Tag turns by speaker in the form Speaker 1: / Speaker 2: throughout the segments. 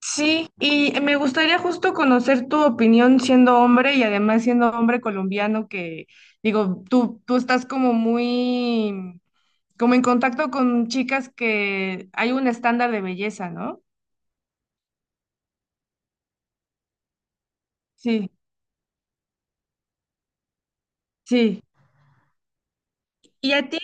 Speaker 1: Sí, y me gustaría justo conocer tu opinión siendo hombre y además siendo hombre colombiano, que digo, tú estás como muy, como en contacto con chicas que hay un estándar de belleza, ¿no? Sí, sí. ¿Y a ti?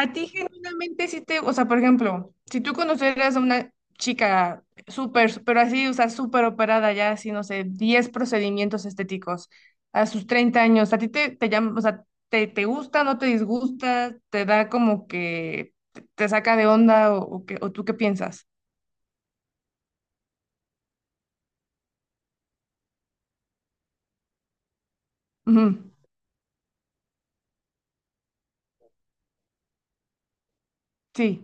Speaker 1: A ti genuinamente sí te, o sea, por ejemplo, si tú conocieras a una chica súper, súper así, o sea, súper operada ya, así, no sé, 10 procedimientos estéticos a sus 30 años. ¿A ti te llama, o sea, te gusta, no te disgusta, te da como que te saca de onda o tú qué piensas? Ujú. Sí,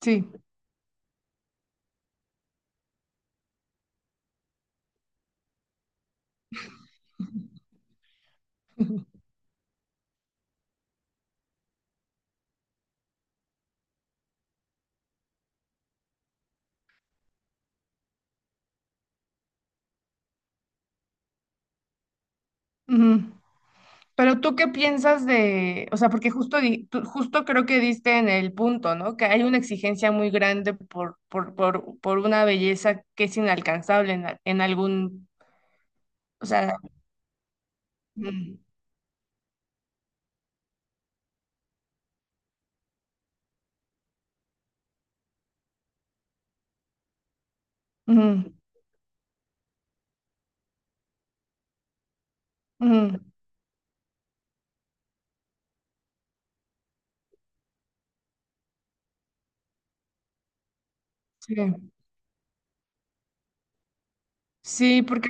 Speaker 1: sí. Ujú. Pero tú qué piensas de, o sea, porque justo, justo creo que diste en el punto, ¿no? Que hay una exigencia muy grande por una belleza que es inalcanzable en algún, o sea. Mm. Mm. Mm. Sí. Sí, porque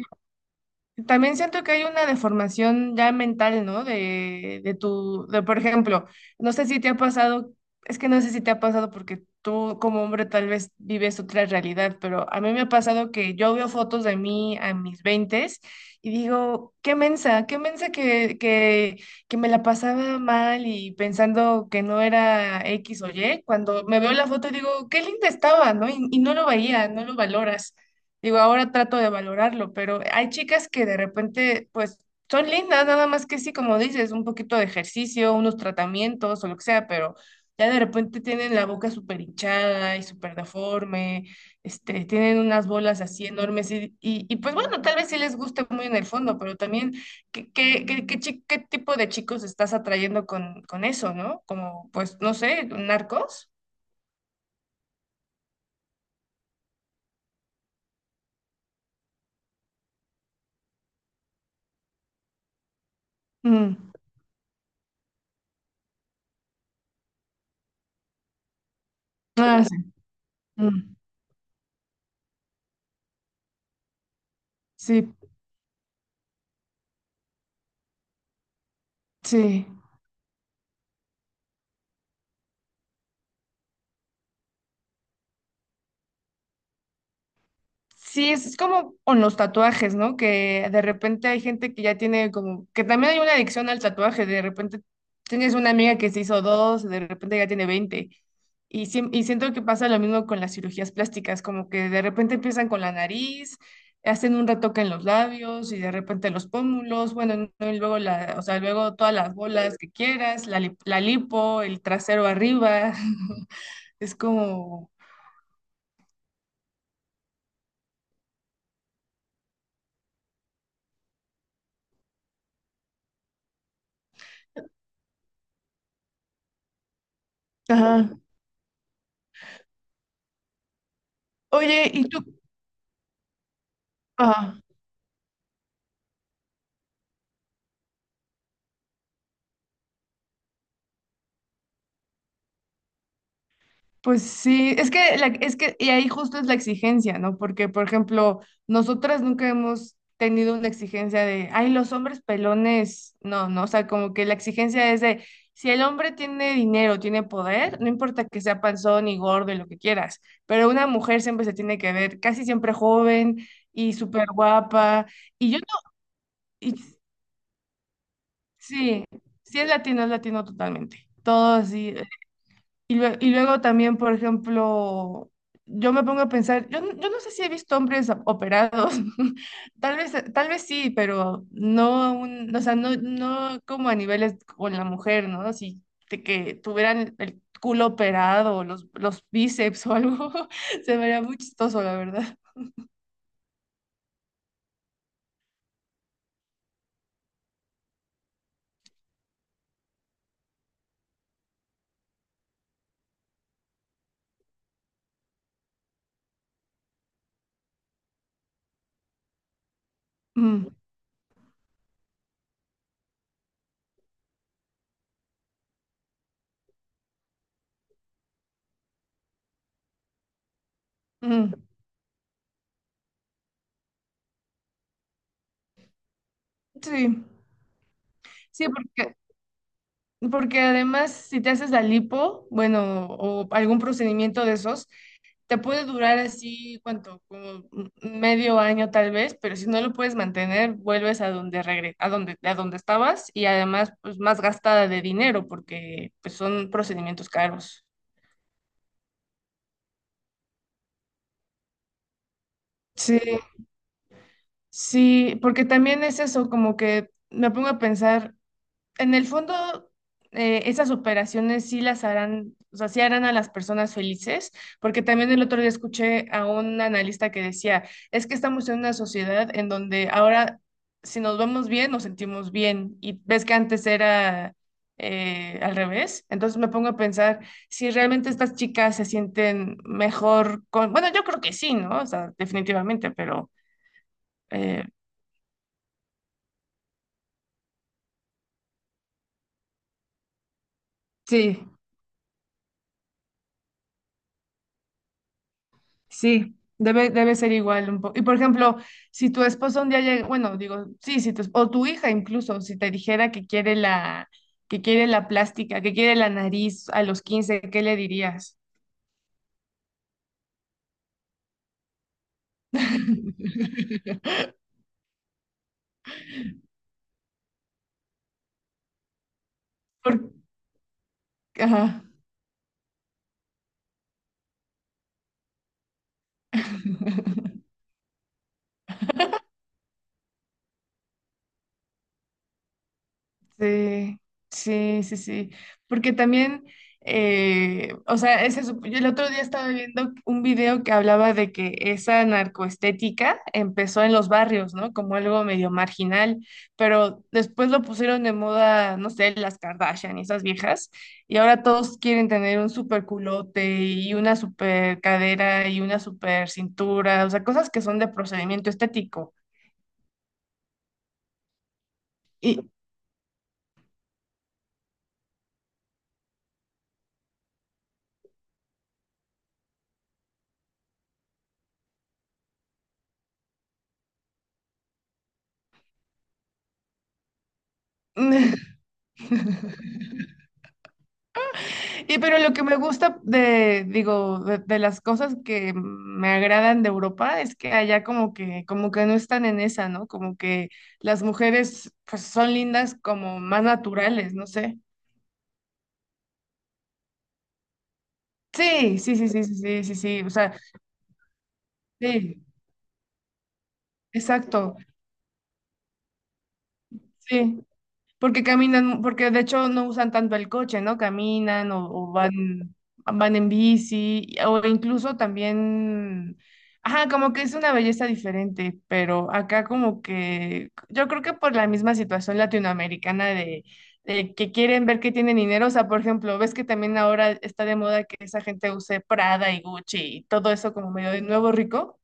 Speaker 1: también siento que hay una deformación ya mental, ¿no? De por ejemplo, no sé si te ha pasado, es que no sé si te ha pasado porque tú como hombre tal vez vives otra realidad, pero a mí me ha pasado que yo veo fotos de mí a mis veintes y digo, qué mensa que me la pasaba mal y pensando que no era X o Y. Cuando me veo la foto digo, qué linda estaba, ¿no? Y no lo veía, no lo valoras. Digo, ahora trato de valorarlo, pero hay chicas que de repente, pues, son lindas, nada más que sí, como dices, un poquito de ejercicio, unos tratamientos o lo que sea, pero ya de repente tienen la boca súper hinchada y súper deforme, tienen unas bolas así enormes pues bueno, tal vez sí les guste muy en el fondo, pero también, ¿qué tipo de chicos estás atrayendo con eso, ¿no? Como, pues, no sé, narcos. Mm. Ah, sí. Mm. Sí, sí. Sí, es como con los tatuajes, ¿no? Que de repente hay gente que ya tiene como, que también hay una adicción al tatuaje, de repente tienes una amiga que se hizo dos, de repente ya tiene 20. Y siento que pasa lo mismo con las cirugías plásticas, como que de repente empiezan con la nariz, hacen un retoque en los labios y de repente los pómulos, bueno, no, y luego o sea, luego todas las bolas que quieras, la lipo, el trasero arriba, es como. Ajá. Oye, ¿y tú? Ajá. Pues sí, es que, y ahí justo es la exigencia, ¿no? Porque, por ejemplo, nosotras nunca hemos tenido una exigencia de, ay, los hombres pelones, no, no, o sea, como que la exigencia es de, si el hombre tiene dinero, tiene poder, no importa que sea panzón y gordo y lo que quieras, pero una mujer siempre se tiene que ver casi siempre joven y súper guapa, y yo no, y sí, sí es latino totalmente, todo así, y luego también, por ejemplo, yo me pongo a pensar, yo no sé si he visto hombres operados, tal vez sí, pero no, o sea, no, no como a niveles con la mujer, ¿no? Si de que tuvieran el culo operado, o los bíceps o algo, se vería muy chistoso, la verdad. Mm. Mm. Sí, sí, porque además si te haces la lipo, bueno, o algún procedimiento de esos, te puede durar así, ¿cuánto? Como medio año tal vez, pero si no lo puedes mantener, vuelves a donde regre- a donde estabas y además pues más gastada de dinero porque pues son procedimientos caros. Sí, sí, porque también es eso, como que me pongo a pensar en el fondo, esas operaciones sí las harán, o sea, sí harán a las personas felices, porque también el otro día escuché a un analista que decía, es que estamos en una sociedad en donde ahora si nos vemos bien, nos sentimos bien, y ves que antes era al revés, entonces me pongo a pensar si realmente estas chicas se sienten mejor con, bueno, yo creo que sí, ¿no? O sea, definitivamente, pero eh, sí. Sí, debe ser igual un poco. Y por ejemplo, si tu esposo un día llega, bueno, digo, sí, si tu, esp- o tu hija incluso, si te dijera que quiere la, plástica, que quiere la nariz a los 15, ¿qué le dirías? Por- Ajá. Sí, sí, sí, sí. Porque también, o sea, yo el otro día estaba viendo un video que hablaba de que esa narcoestética empezó en los barrios, ¿no? Como algo medio marginal, pero después lo pusieron de moda, no sé, las Kardashian y esas viejas, y ahora todos quieren tener un super culote y una super cadera y una super cintura, o sea, cosas que son de procedimiento estético. Y Y pero lo que me gusta digo, de las cosas que me agradan de Europa es que allá como que no están en esa, ¿no? Como que las mujeres pues son lindas como más naturales, no sé. Sí, sí, sí, sí, sí, sí, sí, sí, o sea, sí, exacto, sí. Porque caminan, porque de hecho no usan tanto el coche, ¿no? Caminan o van, en bici, o incluso también, ajá, como que es una belleza diferente, pero acá como que, yo creo que por la misma situación latinoamericana de que quieren ver que tienen dinero, o sea, por ejemplo, ves que también ahora está de moda que esa gente use Prada y Gucci y todo eso como medio de nuevo rico,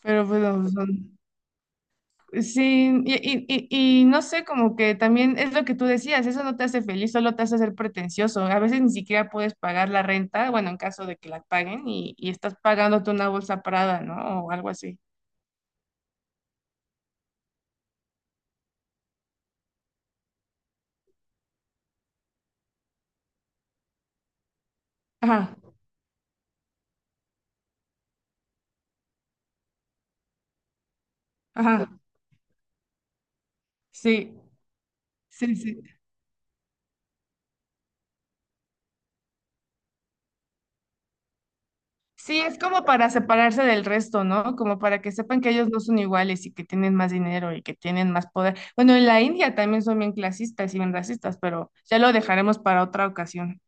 Speaker 1: pero bueno, son. Sí, y no sé, como que también es lo que tú decías, eso no te hace feliz, solo te hace ser pretencioso. A veces ni siquiera puedes pagar la renta, bueno, en caso de que la paguen, y estás pagándote una bolsa Prada, ¿no? O algo así. Ajá, ajá, sí, sí, sí. Sí, es como para separarse del resto, ¿no? Como para que sepan que ellos no son iguales y que tienen más dinero y que tienen más poder. Bueno, en la India también son bien clasistas y bien racistas, pero ya lo dejaremos para otra ocasión.